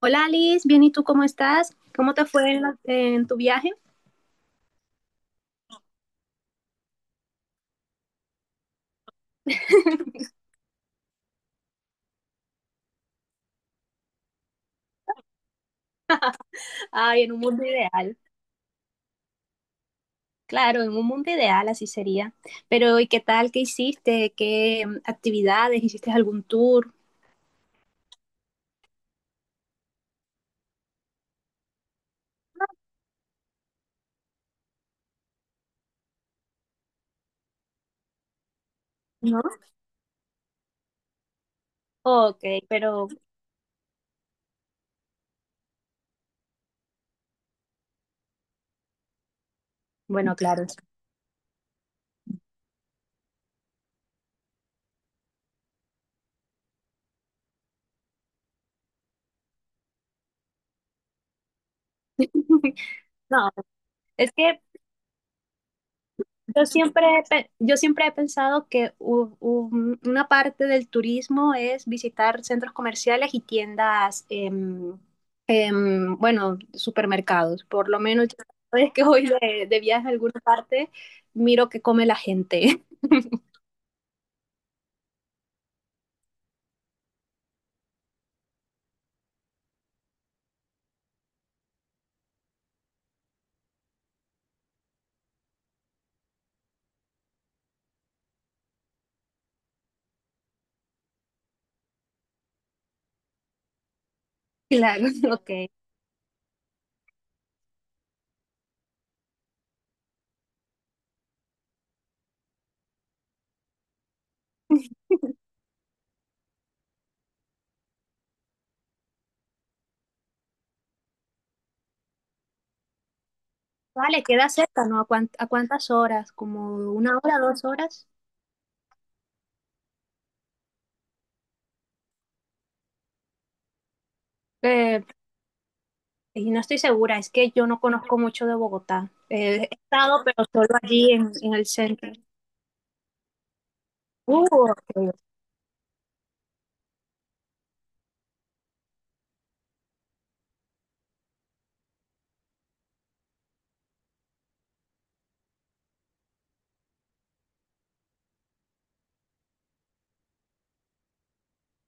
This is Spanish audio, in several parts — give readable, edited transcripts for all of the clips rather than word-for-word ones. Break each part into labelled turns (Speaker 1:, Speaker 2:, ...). Speaker 1: Hola Alice, bien, ¿y tú cómo estás? ¿Cómo te fue en tu viaje? Ay, en un mundo ideal. Claro, en un mundo ideal así sería. Pero ¿y qué tal? ¿Qué hiciste? ¿Qué actividades? ¿Hiciste algún tour? No. Ok, pero bueno, claro. No, es que yo siempre he pensado que una parte del turismo es visitar centros comerciales y tiendas, bueno, supermercados. Por lo menos yo cada vez que voy de viaje a alguna parte, miro qué come la gente. Claro, ok. Vale, queda cerca, ¿no? ¿A a cuántas horas? ¿Como una hora, dos horas? Eh, y no estoy segura, es que yo no conozco mucho de Bogotá. He estado, pero solo allí en el centro. Ok.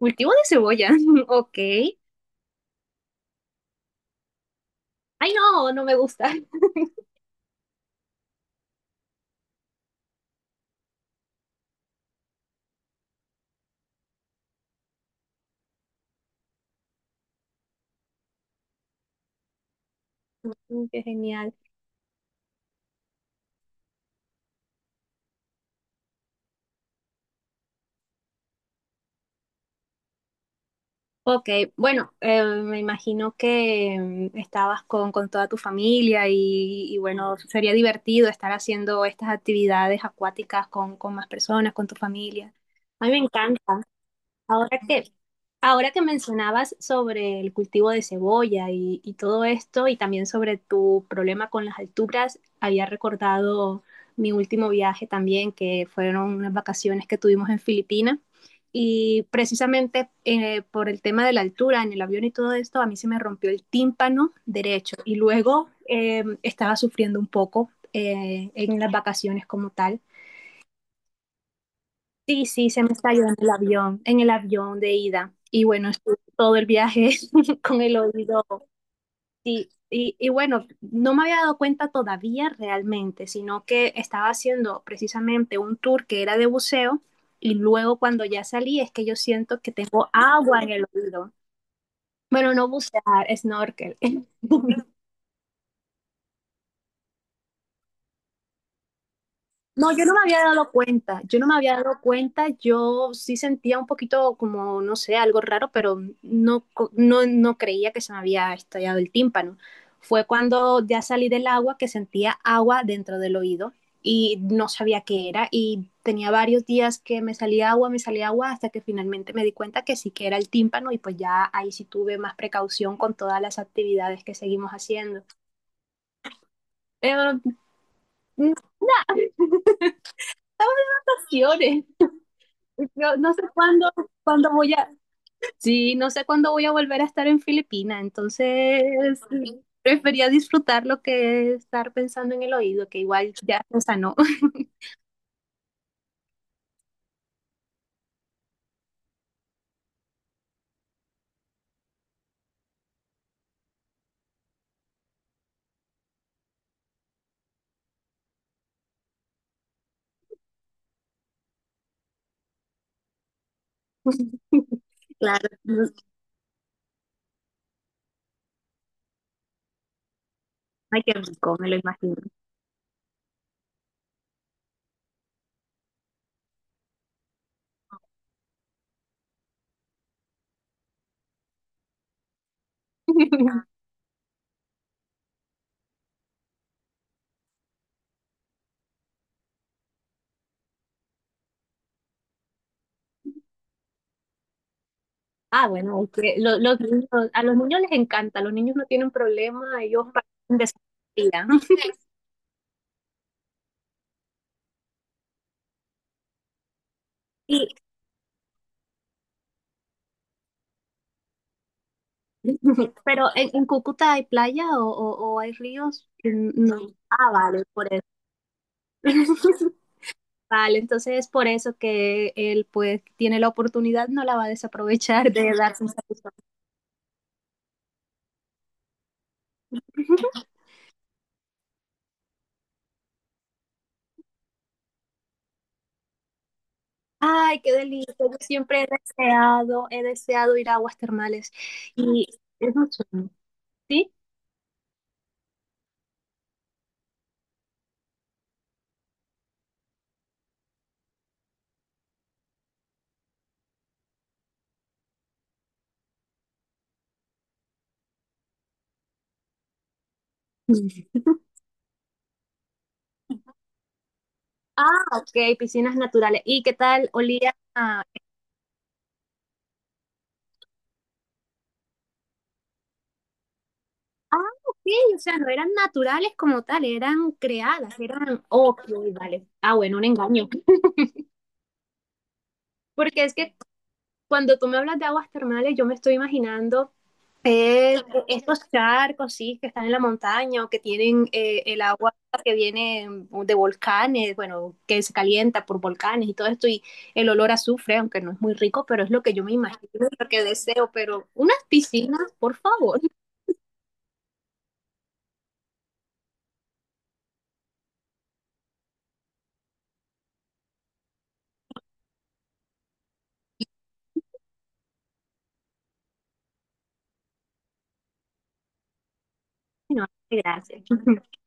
Speaker 1: Cultivo de cebolla, ok. Ay, no, no me gusta. Mm, qué genial. Ok, bueno, me imagino que estabas con toda tu familia y bueno, sería divertido estar haciendo estas actividades acuáticas con más personas, con tu familia. A mí me encanta. Ahora que, ahora que mencionabas sobre el cultivo de cebolla y todo esto, y también sobre tu problema con las alturas, había recordado mi último viaje también, que fueron unas vacaciones que tuvimos en Filipinas. Y precisamente por el tema de la altura en el avión y todo esto, a mí se me rompió el tímpano derecho y luego estaba sufriendo un poco en las vacaciones como tal. Sí, sí, se me estalló en el avión de ida. Y bueno, estuve todo el viaje con el oído. Sí, y bueno, no me había dado cuenta todavía realmente, sino que estaba haciendo precisamente un tour que era de buceo y luego cuando ya salí es que yo siento que tengo agua en el oído. Bueno, no bucear, snorkel. No, yo no me había dado cuenta, yo sí sentía un poquito como, no sé, algo raro, pero no, no creía que se me había estallado el tímpano. Fue cuando ya salí del agua que sentía agua dentro del oído y no sabía qué era y tenía varios días que me salía agua, hasta que finalmente me di cuenta que sí que era el tímpano y pues ya ahí sí tuve más precaución con todas las actividades que seguimos haciendo. Pero, no llores. Yo no sé cuándo, cuándo voy a, Sí, no sé cuándo voy a volver a estar en Filipinas, entonces ok, prefería disfrutar lo que estar pensando en el oído, que igual ya se sanó. Claro, mm, ay, qué rico, me lo imagino. Ah, bueno, es que los niños, a los niños les encanta, los niños no tienen problema, ellos van de su vida. Y pero en Cúcuta ¿hay playa o, o hay ríos? Mm, no. Ah, vale, por eso. Vale, entonces es por eso que él pues tiene la oportunidad, no la va a desaprovechar de darse un saludo. Ay, qué delicia. Yo siempre he he deseado ir a aguas termales. Y es mucho, ¿sí? Ah, ok, piscinas naturales. ¿Y qué tal olía? A- ah, ok, o sea, no eran naturales como tal, eran creadas, eran... Ok, vale. Ah, bueno, un engaño. Porque es que cuando tú me hablas de aguas termales, yo me estoy imaginando, eh, estos charcos, sí, que están en la montaña o que tienen el agua que viene de volcanes, bueno, que se calienta por volcanes y todo esto, y el olor a azufre, aunque no es muy rico, pero es lo que yo me imagino, y lo que deseo, pero unas piscinas, por favor. No, gracias.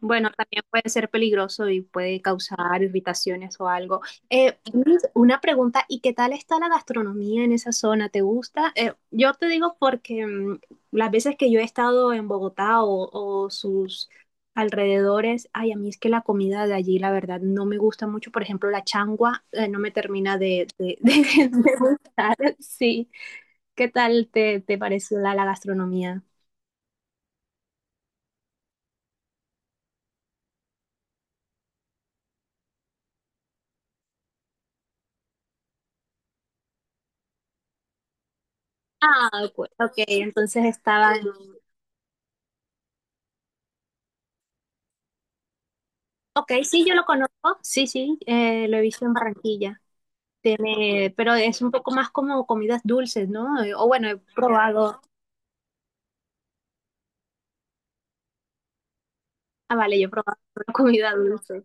Speaker 1: Bueno, también puede ser peligroso y puede causar irritaciones o algo. Luis, una pregunta, ¿y qué tal está la gastronomía en esa zona? ¿Te gusta? Yo te digo porque las veces que yo he estado en Bogotá o sus alrededores, ay, a mí es que la comida de allí, la verdad, no me gusta mucho. Por ejemplo, la changua, no me termina de gustar. Sí, ¿qué tal te pareció la gastronomía? Ah, ok, ok, entonces estaba... Ok, sí, yo lo conozco, sí, sí, lo he visto en Barranquilla. Tiene, pero es un poco más como comidas dulces, ¿no? O bueno, he probado, ah, vale, yo he probado solo comida dulce.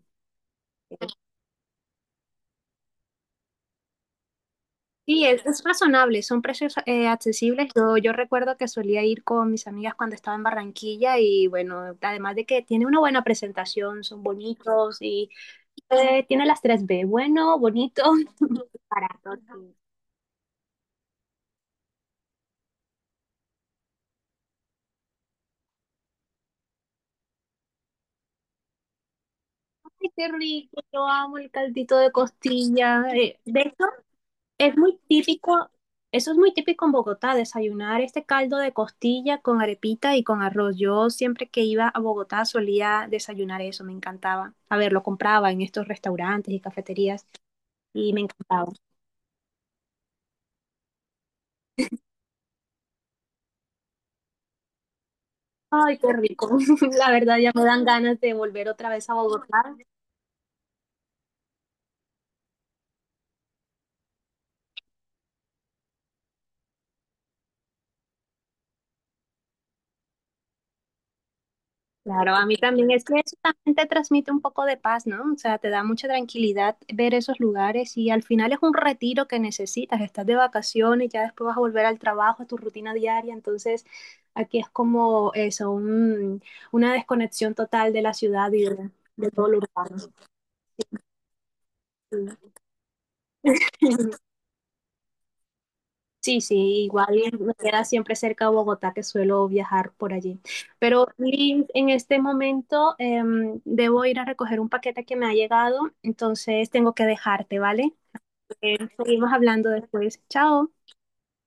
Speaker 1: Eh, Sí, es razonable, son precios accesibles. Yo recuerdo que solía ir con mis amigas cuando estaba en Barranquilla y bueno, además de que tiene una buena presentación, son bonitos y tiene las tres b, bueno, bonito, barato. Sí. Ay, qué rico, yo amo el caldito de costilla. Eh, de hecho, es muy típico, eso es muy típico en Bogotá, desayunar este caldo de costilla con arepita y con arroz. Yo siempre que iba a Bogotá solía desayunar eso, me encantaba. A ver, lo compraba en estos restaurantes y cafeterías y me encantaba. Ay, qué rico. La verdad ya me dan ganas de volver otra vez a Bogotá. Claro, a mí también es que eso también te transmite un poco de paz, ¿no? O sea, te da mucha tranquilidad ver esos lugares y al final es un retiro que necesitas, estás de vacaciones, ya después vas a volver al trabajo, a tu rutina diaria, entonces aquí es como eso, una desconexión total de la ciudad y de todo lo urbano. Sí. Sí, sí, igual me queda siempre cerca de Bogotá, que suelo viajar por allí. Pero Liz, en este momento debo ir a recoger un paquete que me ha llegado, entonces tengo que dejarte, ¿vale? Seguimos hablando después. Chao.